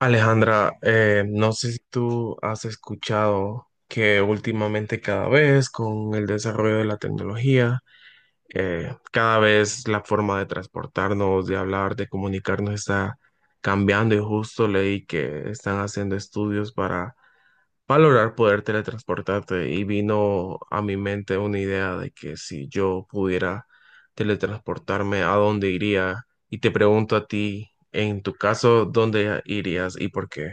Alejandra, no sé si tú has escuchado que últimamente cada vez con el desarrollo de la tecnología, cada vez la forma de transportarnos, de hablar, de comunicarnos está cambiando y justo leí que están haciendo estudios para valorar poder teletransportarte y vino a mi mente una idea de que si yo pudiera teletransportarme, ¿a dónde iría? Y te pregunto a ti, en tu caso, ¿dónde irías y por qué?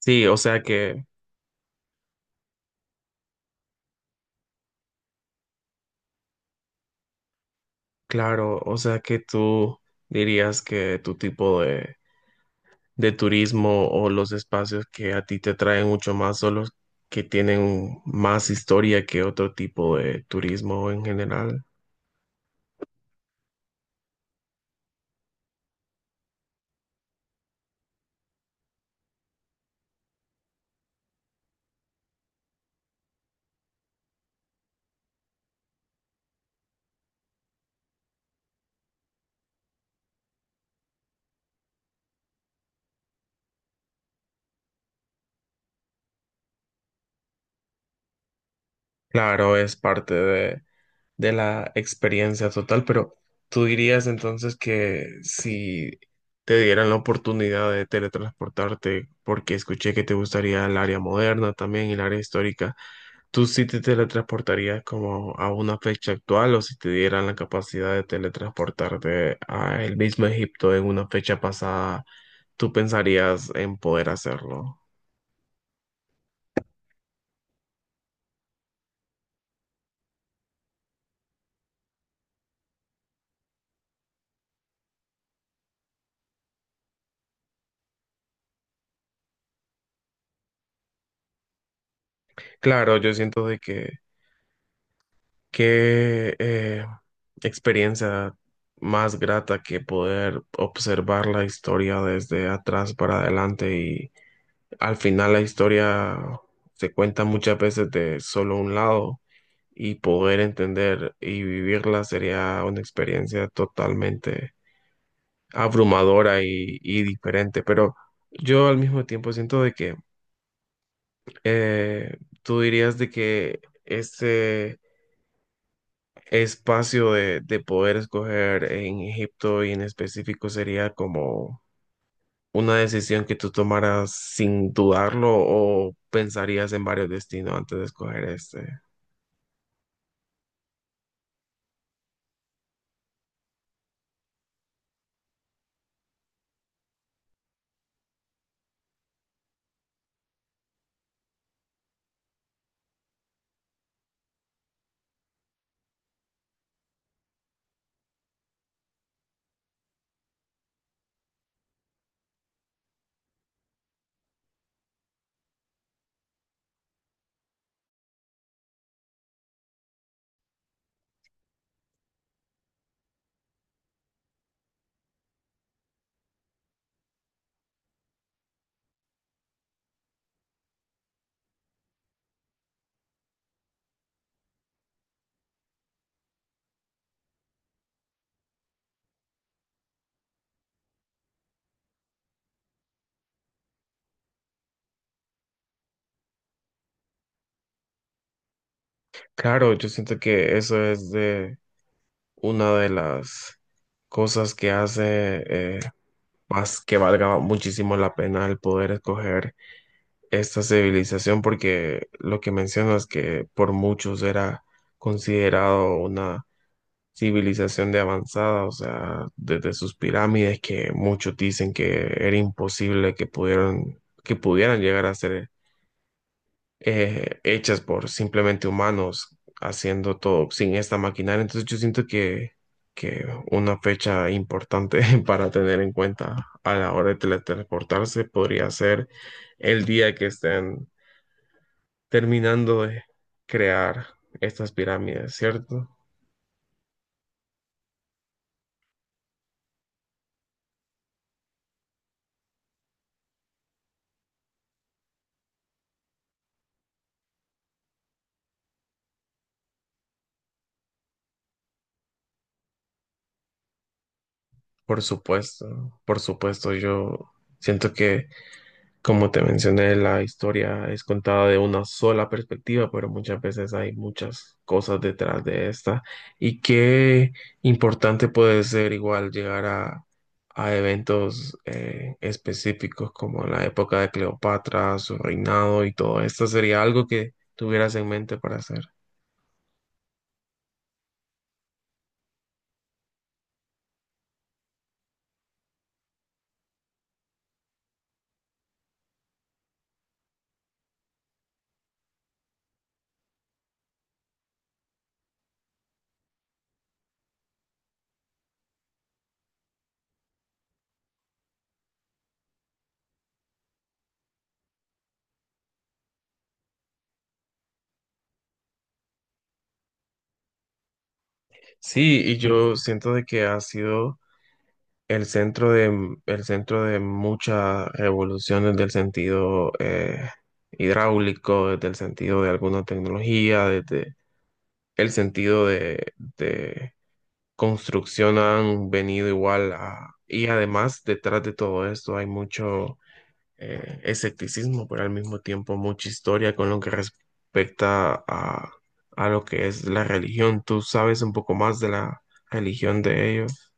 Sí, o sea que, claro, o sea que tú dirías que tu tipo de turismo o los espacios que a ti te traen mucho más son los que tienen más historia que otro tipo de turismo en general. Claro, es parte de la experiencia total, pero tú dirías entonces que si te dieran la oportunidad de teletransportarte, porque escuché que te gustaría el área moderna también y el área histórica. ¿Tú sí te teletransportarías como a una fecha actual o si te dieran la capacidad de teletransportarte a el mismo Egipto en una fecha pasada, tú pensarías en poder hacerlo? Claro, yo siento de que qué experiencia más grata que poder observar la historia desde atrás para adelante y al final la historia se cuenta muchas veces de solo un lado y poder entender y vivirla sería una experiencia totalmente abrumadora y diferente. Pero yo al mismo tiempo siento de que tú dirías de que ese espacio de poder escoger en Egipto y en específico sería como una decisión que tú tomaras sin dudarlo o pensarías en varios destinos antes de escoger este. Claro, yo siento que eso es de una de las cosas que hace eh, más que valga muchísimo la pena el poder escoger esta civilización, porque lo que mencionas que por muchos era considerado una civilización de avanzada, o sea, desde sus pirámides que muchos dicen que era imposible que pudieran llegar a ser hechas por simplemente humanos haciendo todo sin esta maquinaria. Entonces yo siento que una fecha importante para tener en cuenta a la hora de teletransportarse podría ser el día que estén terminando de crear estas pirámides, ¿cierto? Por supuesto, yo siento que como te mencioné, la historia es contada de una sola perspectiva, pero muchas veces hay muchas cosas detrás de esta. Y qué importante puede ser igual llegar a eventos específicos como la época de Cleopatra, su reinado y todo esto. ¿Sería algo que tuvieras en mente para hacer? Sí, y yo siento de que ha sido el centro de muchas revoluciones del sentido hidráulico, desde el sentido de alguna tecnología, desde el sentido de construcción han venido igual a... Y además, detrás de todo esto hay mucho escepticismo, pero al mismo tiempo mucha historia con lo que respecta a lo que es la religión. ¿Tú sabes un poco más de la religión de ellos?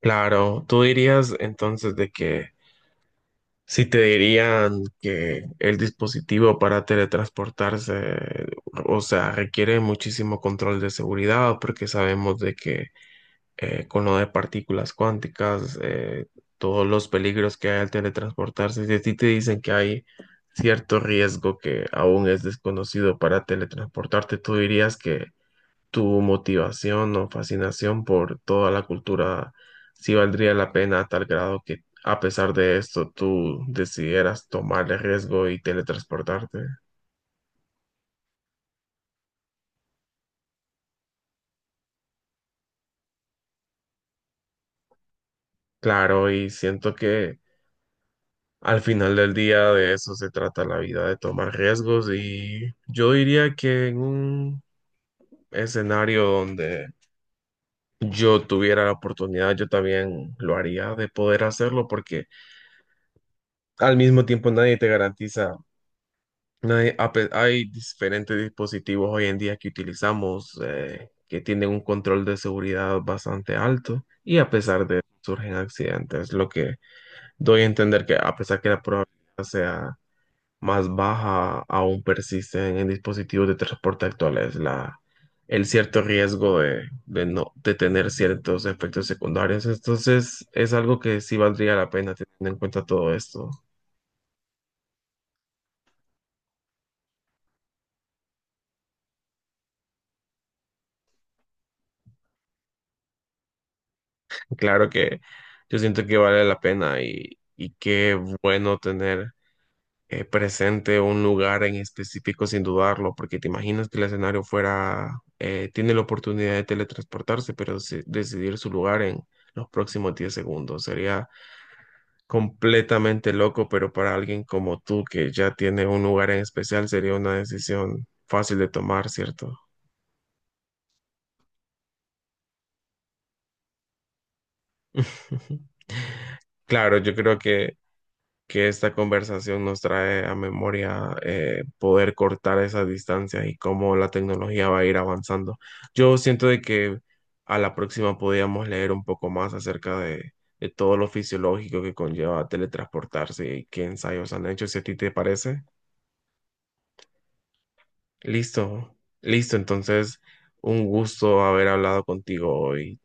Claro, tú dirías entonces de que si te dirían que el dispositivo para teletransportarse, o sea, requiere muchísimo control de seguridad, porque sabemos de que con lo de partículas cuánticas, todos los peligros que hay al teletransportarse, si a ti te dicen que hay cierto riesgo que aún es desconocido para teletransportarte, tú dirías que tu motivación o fascinación por toda la cultura, si valdría la pena a tal grado que a pesar de esto tú decidieras tomar el riesgo y teletransportarte. Claro, y siento que al final del día de eso se trata la vida, de tomar riesgos y yo diría que en un escenario donde yo tuviera la oportunidad, yo también lo haría de poder hacerlo porque al mismo tiempo nadie te garantiza. No hay, hay diferentes dispositivos hoy en día que utilizamos que tienen un control de seguridad bastante alto y a pesar de eso surgen accidentes, lo que doy a entender que a pesar que la probabilidad sea más baja, aún persisten en dispositivos de transporte actuales la, el cierto riesgo de no, de tener ciertos efectos secundarios. Entonces es algo que sí valdría la pena teniendo en cuenta todo esto. Claro que yo siento que vale la pena y qué bueno tener presente un lugar en específico sin dudarlo, porque te imaginas que el escenario fuera, tiene la oportunidad de teletransportarse, pero decidir su lugar en los próximos 10 segundos. Sería completamente loco, pero para alguien como tú que ya tiene un lugar en especial sería una decisión fácil de tomar, ¿cierto? Claro, yo creo que esta conversación nos trae a memoria poder cortar esas distancias y cómo la tecnología va a ir avanzando. Yo siento de que a la próxima podríamos leer un poco más acerca de todo lo fisiológico que conlleva teletransportarse y qué ensayos han hecho, si a ti te parece. Listo, listo, entonces un gusto haber hablado contigo hoy.